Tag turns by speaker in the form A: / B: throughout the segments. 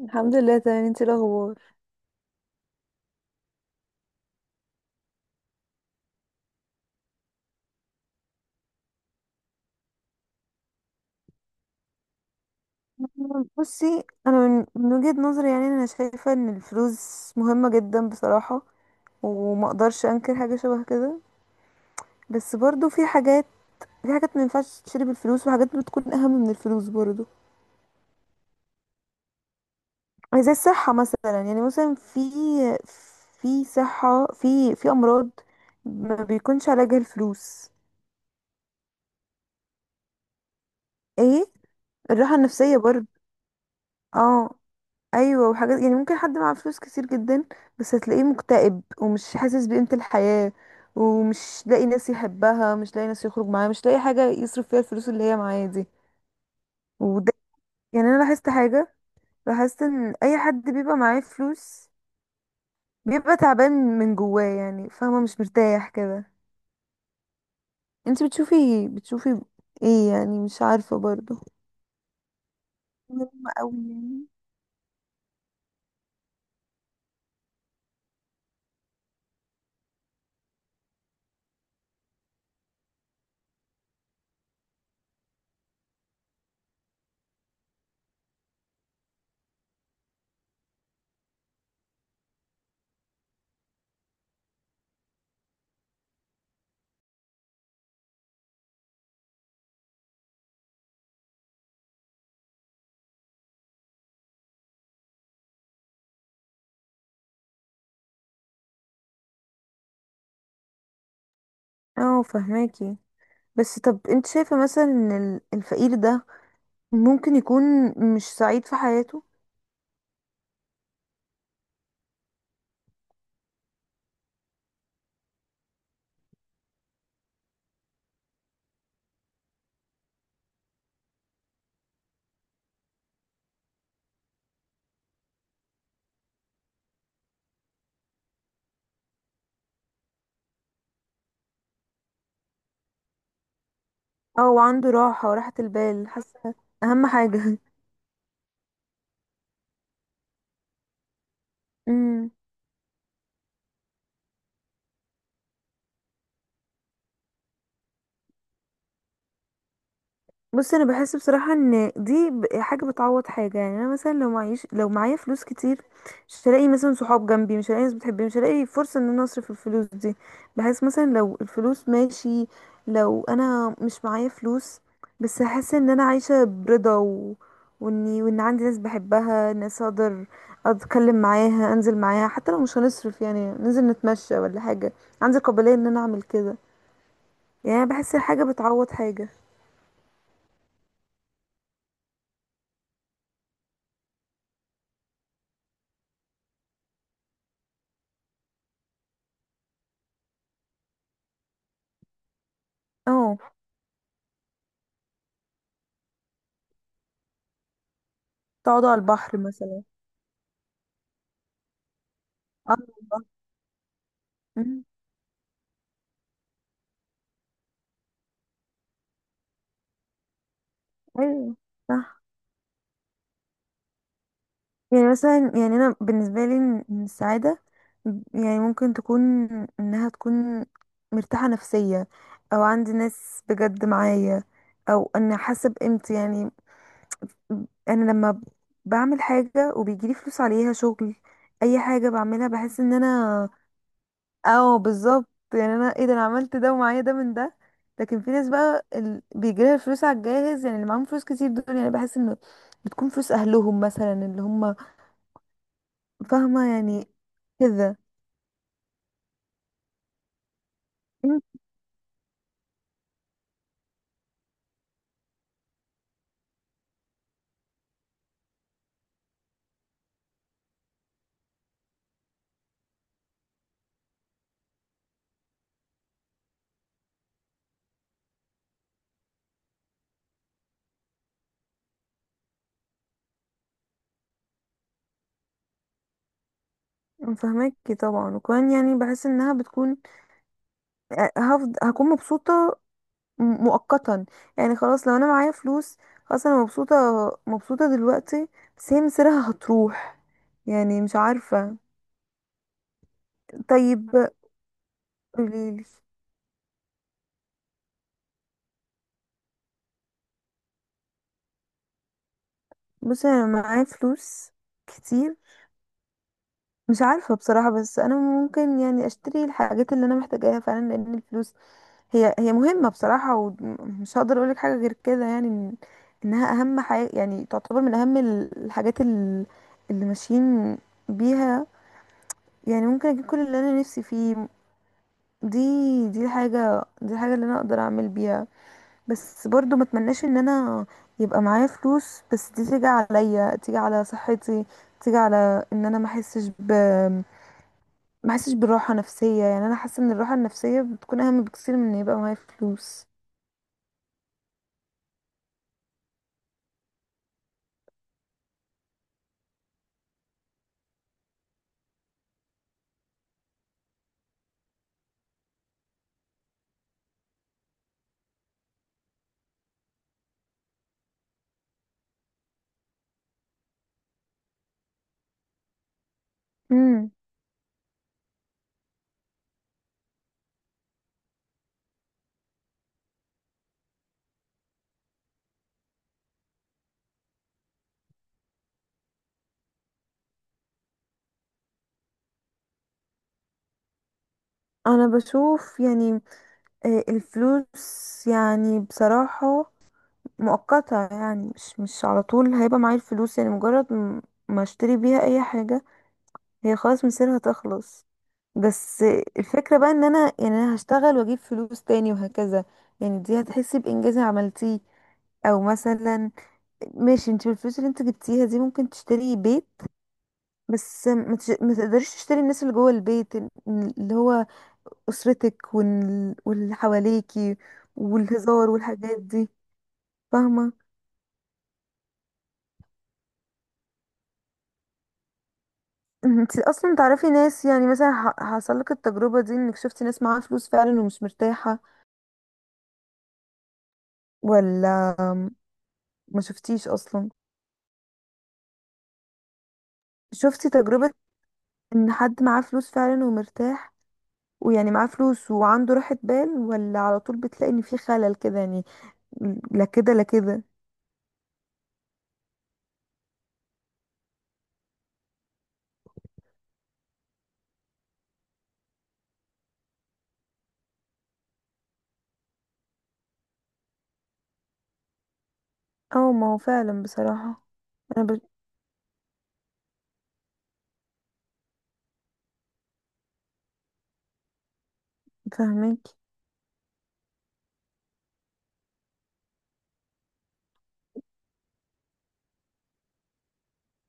A: الحمد لله تمام. انت ايه الاخبار؟ بصي انا من وجهة نظري، يعني انا شايفة ان الفلوس مهمة جدا بصراحة، وما اقدرش انكر حاجة شبه كده. بس برضو في حاجات، في حاجات ما ينفعش تشتري بالفلوس، وحاجات بتكون اهم من الفلوس برضو. زي الصحة مثلا، يعني مثلا في، في صحة في امراض ما بيكونش علاجها الفلوس. ايه. الراحة النفسية برضو. اه. ايوه وحاجات يعني ممكن حد معاه فلوس كتير جدا، بس هتلاقيه مكتئب ومش حاسس بقيمة الحياة، ومش لاقي ناس يحبها، مش لاقي ناس يخرج معاها، مش لاقي حاجة يصرف فيها الفلوس اللي هي معاه دي. وده يعني انا لاحظت حاجة، لاحظت ان اي حد بيبقى معاه فلوس بيبقى تعبان من جواه، يعني فاهمة، مش مرتاح كده. انت بتشوفي ايه؟ يعني مش عارفة برضه. مهمة قوي يعني. اه فهماكي. بس طب انت شايفة مثلا ان الفقير ده ممكن يكون مش سعيد في حياته؟ او عنده راحة وراحة البال؟ حاسة اهم حاجة. بص انا بحس بصراحه ان دي حاجه بتعوض حاجه. يعني انا مثلا لو معيش، لو معايا فلوس كتير، مش هلاقي مثلا صحاب جنبي، مش هلاقي ناس بتحبني، مش هلاقي فرصه ان انا اصرف الفلوس دي. بحس مثلا لو الفلوس ماشي، لو انا مش معايا فلوس بس هحس ان انا عايشه برضا، واني وان عندي ناس بحبها، ناس اقدر اتكلم معاها، انزل معاها، حتى لو مش هنصرف يعني، ننزل نتمشى ولا حاجه. عندي قابليه ان انا اعمل كده. يعني أنا بحس حاجه بتعوض حاجه. اه، تقعدوا على البحر مثلا. اه والله. أمم، ايوه صح. يعني مثلا يعني انا بالنسبه لي إن إن السعاده يعني ممكن تكون، انها تكون مرتاحه نفسيه، او عندي ناس بجد معايا، او ان حاسه بقيمتي. يعني انا لما بعمل حاجه وبيجيلي فلوس عليها شغل، اي حاجه بعملها بحس ان انا. اه بالظبط. يعني انا ايه ده، انا عملت ده ومعايا ده من ده. لكن في ناس بقى بيجيلها الفلوس على الجاهز، يعني اللي معاهم فلوس كتير دول يعني بحس انه بتكون فلوس اهلهم مثلا، اللي هم فاهمه يعني، كده. أمم، فاهماكي طبعا. وكمان يعني بحس انها بتكون هكون مبسوطه مؤقتا. يعني خلاص لو انا معايا فلوس، خلاص انا مبسوطه، مبسوطه دلوقتي، بس هي مصيرها هتروح. يعني مش عارفه. طيب قوليلي. بص انا معايا فلوس كتير، مش عارفه بصراحه، بس انا ممكن يعني اشتري الحاجات اللي انا محتاجاها فعلا لان الفلوس هي مهمه بصراحه، ومش هقدر اقولك حاجه غير كده. يعني انها اهم حاجه، يعني تعتبر من اهم الحاجات اللي ماشيين بيها. يعني ممكن اجيب كل اللي انا نفسي فيه. دي دي الحاجه اللي انا اقدر اعمل بيها. بس برضو ما اتمناش ان انا يبقى معايا فلوس بس دي تيجي عليا، تيجي على صحتي، تيجي على ان انا ما احسش ب، ما احسش بالراحه نفسيه. يعني انا حاسه ان الراحه النفسيه بتكون اهم بكثير من ان يبقى معايا فلوس. امم. انا بشوف يعني الفلوس يعني بصراحه مؤقته، يعني مش على طول هيبقى معايا الفلوس. يعني مجرد ما اشتري بيها اي حاجه هي خلاص مصيرها تخلص. بس الفكرة بقى ان انا، يعني انا هشتغل واجيب فلوس تاني وهكذا. يعني دي هتحسي بانجاز عملتيه. او مثلا ماشي، انت بالفلوس اللي انت جبتيها دي ممكن تشتري بيت، بس ما تقدريش تشتري الناس اللي جوه البيت، اللي هو اسرتك واللي حواليكي، والهزار والحاجات دي. فاهمة؟ انت اصلا تعرفي ناس، يعني مثلا حصل لك التجربة دي، انك شفتي ناس معاها فلوس فعلا ومش مرتاحة ولا ما شفتيش اصلا؟ شفتي تجربة ان حد معاه فلوس فعلا ومرتاح، ويعني معاه فلوس وعنده راحة بال، ولا على طول بتلاقي ان في خلل كده يعني؟ لا كده لا كده. اه ما هو فعلا بصراحة. انا فاهمك.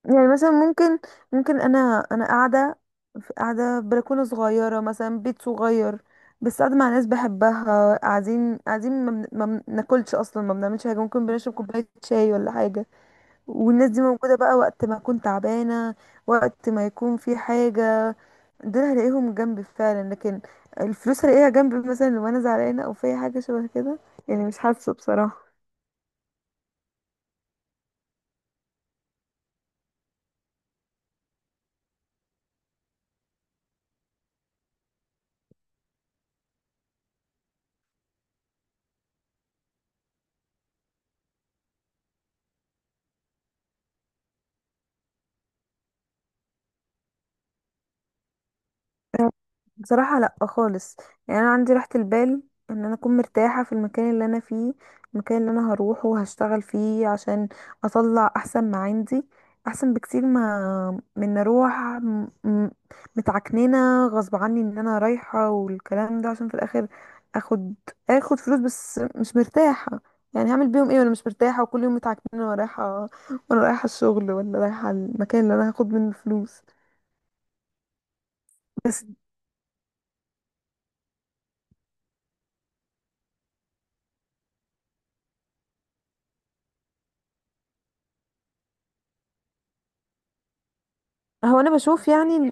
A: يعني مثلا ممكن، ممكن انا قاعدة، في قاعدة في بلكونة صغيرة مثلا، بيت صغير، بس قاعدة مع ناس بحبها، قاعدين ما بناكلش اصلا، ما بنعملش حاجة، ممكن بنشرب كوباية شاي ولا حاجة. والناس دي موجودة بقى وقت ما اكون تعبانة، وقت ما يكون في حاجة، دول هلاقيهم جنبي فعلا. لكن الفلوس هلاقيها جنبي مثلا لو انا زعلانه او في حاجه شبه كده؟ يعني مش حاسه بصراحه. بصراحة لا خالص. يعني انا عندي راحة البال ان انا اكون مرتاحة في المكان اللي انا فيه، المكان اللي انا هروحه وهشتغل فيه عشان اطلع احسن ما عندي، احسن بكتير ما من اروح متعكننة غصب عني ان انا رايحة، والكلام ده عشان في الاخر اخد، اخد فلوس بس مش مرتاحة. يعني هعمل بيهم ايه وانا مش مرتاحة، وكل يوم متعكننة وانا رايحة، وانا رايحة الشغل ولا رايحة المكان اللي انا هاخد منه فلوس. بس هو انا بشوف يعني،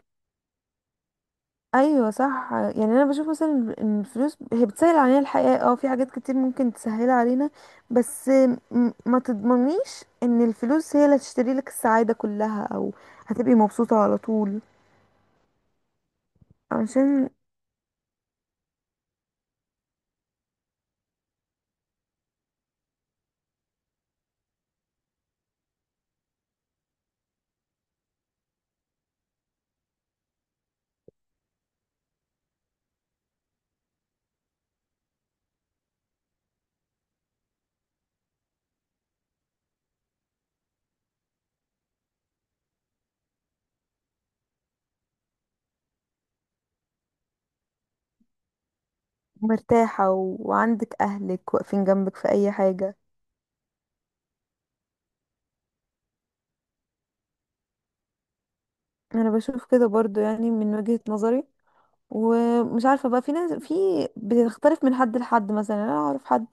A: ايوه صح. يعني انا بشوف مثلا ان الفلوس هي بتسهل علينا الحياه، اه في حاجات كتير ممكن تسهلها علينا. بس ما تضمنيش ان الفلوس هي اللي هتشتري لك السعاده كلها، او هتبقي مبسوطه على طول. عشان مرتاحه وعندك اهلك واقفين جنبك في اي حاجه. انا بشوف كده برضو، يعني من وجهه نظري. ومش عارفه بقى، في ناس في، بتختلف من حد لحد. مثلا انا اعرف حد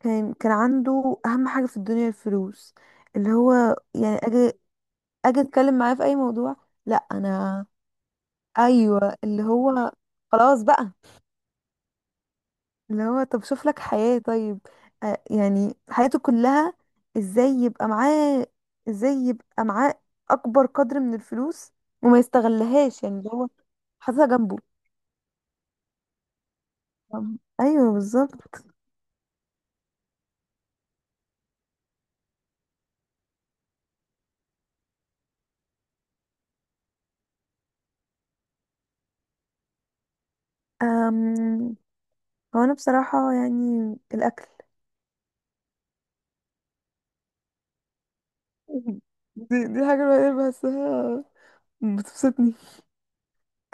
A: كان عنده اهم حاجه في الدنيا الفلوس، اللي هو يعني اجي اتكلم معاه في اي موضوع، لا انا. ايوه اللي هو، خلاص بقى. اللي هو طب شوف لك حياة طيب. آه يعني حياته كلها، ازاي يبقى معاه ازاي يبقى معاه اكبر قدر من الفلوس، وما يستغلهاش، يعني اللي هو حاططها جنبه. ايوه بالظبط. أم... هو انا بصراحة يعني الاكل. دي, دي حاجة الوحيدة اللي بحسها بتبسطني.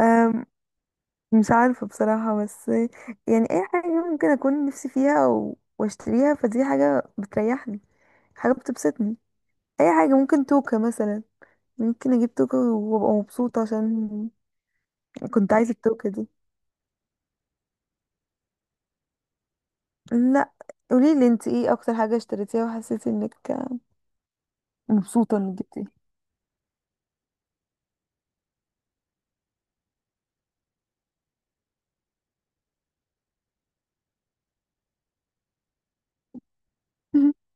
A: أم... مش عارفة بصراحة، بس يعني أي حاجة ممكن أكون نفسي فيها وأشتريها فدي حاجة بتريحني، حاجة بتبسطني. أي حاجة ممكن توكة مثلا، ممكن أجيب توكة وأبقى مبسوطة عشان كنت عايزة التوكة دي. لا، قوليلي انت ايه أكتر حاجة اشتريتيها وحسيتي انك مبسوطة انك جبتيها؟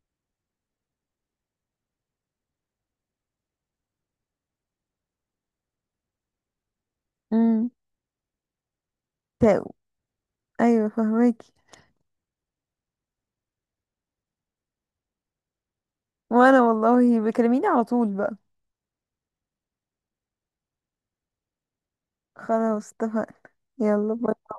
A: امم. تا- أيوة فهماكي. وأنا والله بكلميني على طول بقى. خلاص اتفقنا. يلا باي.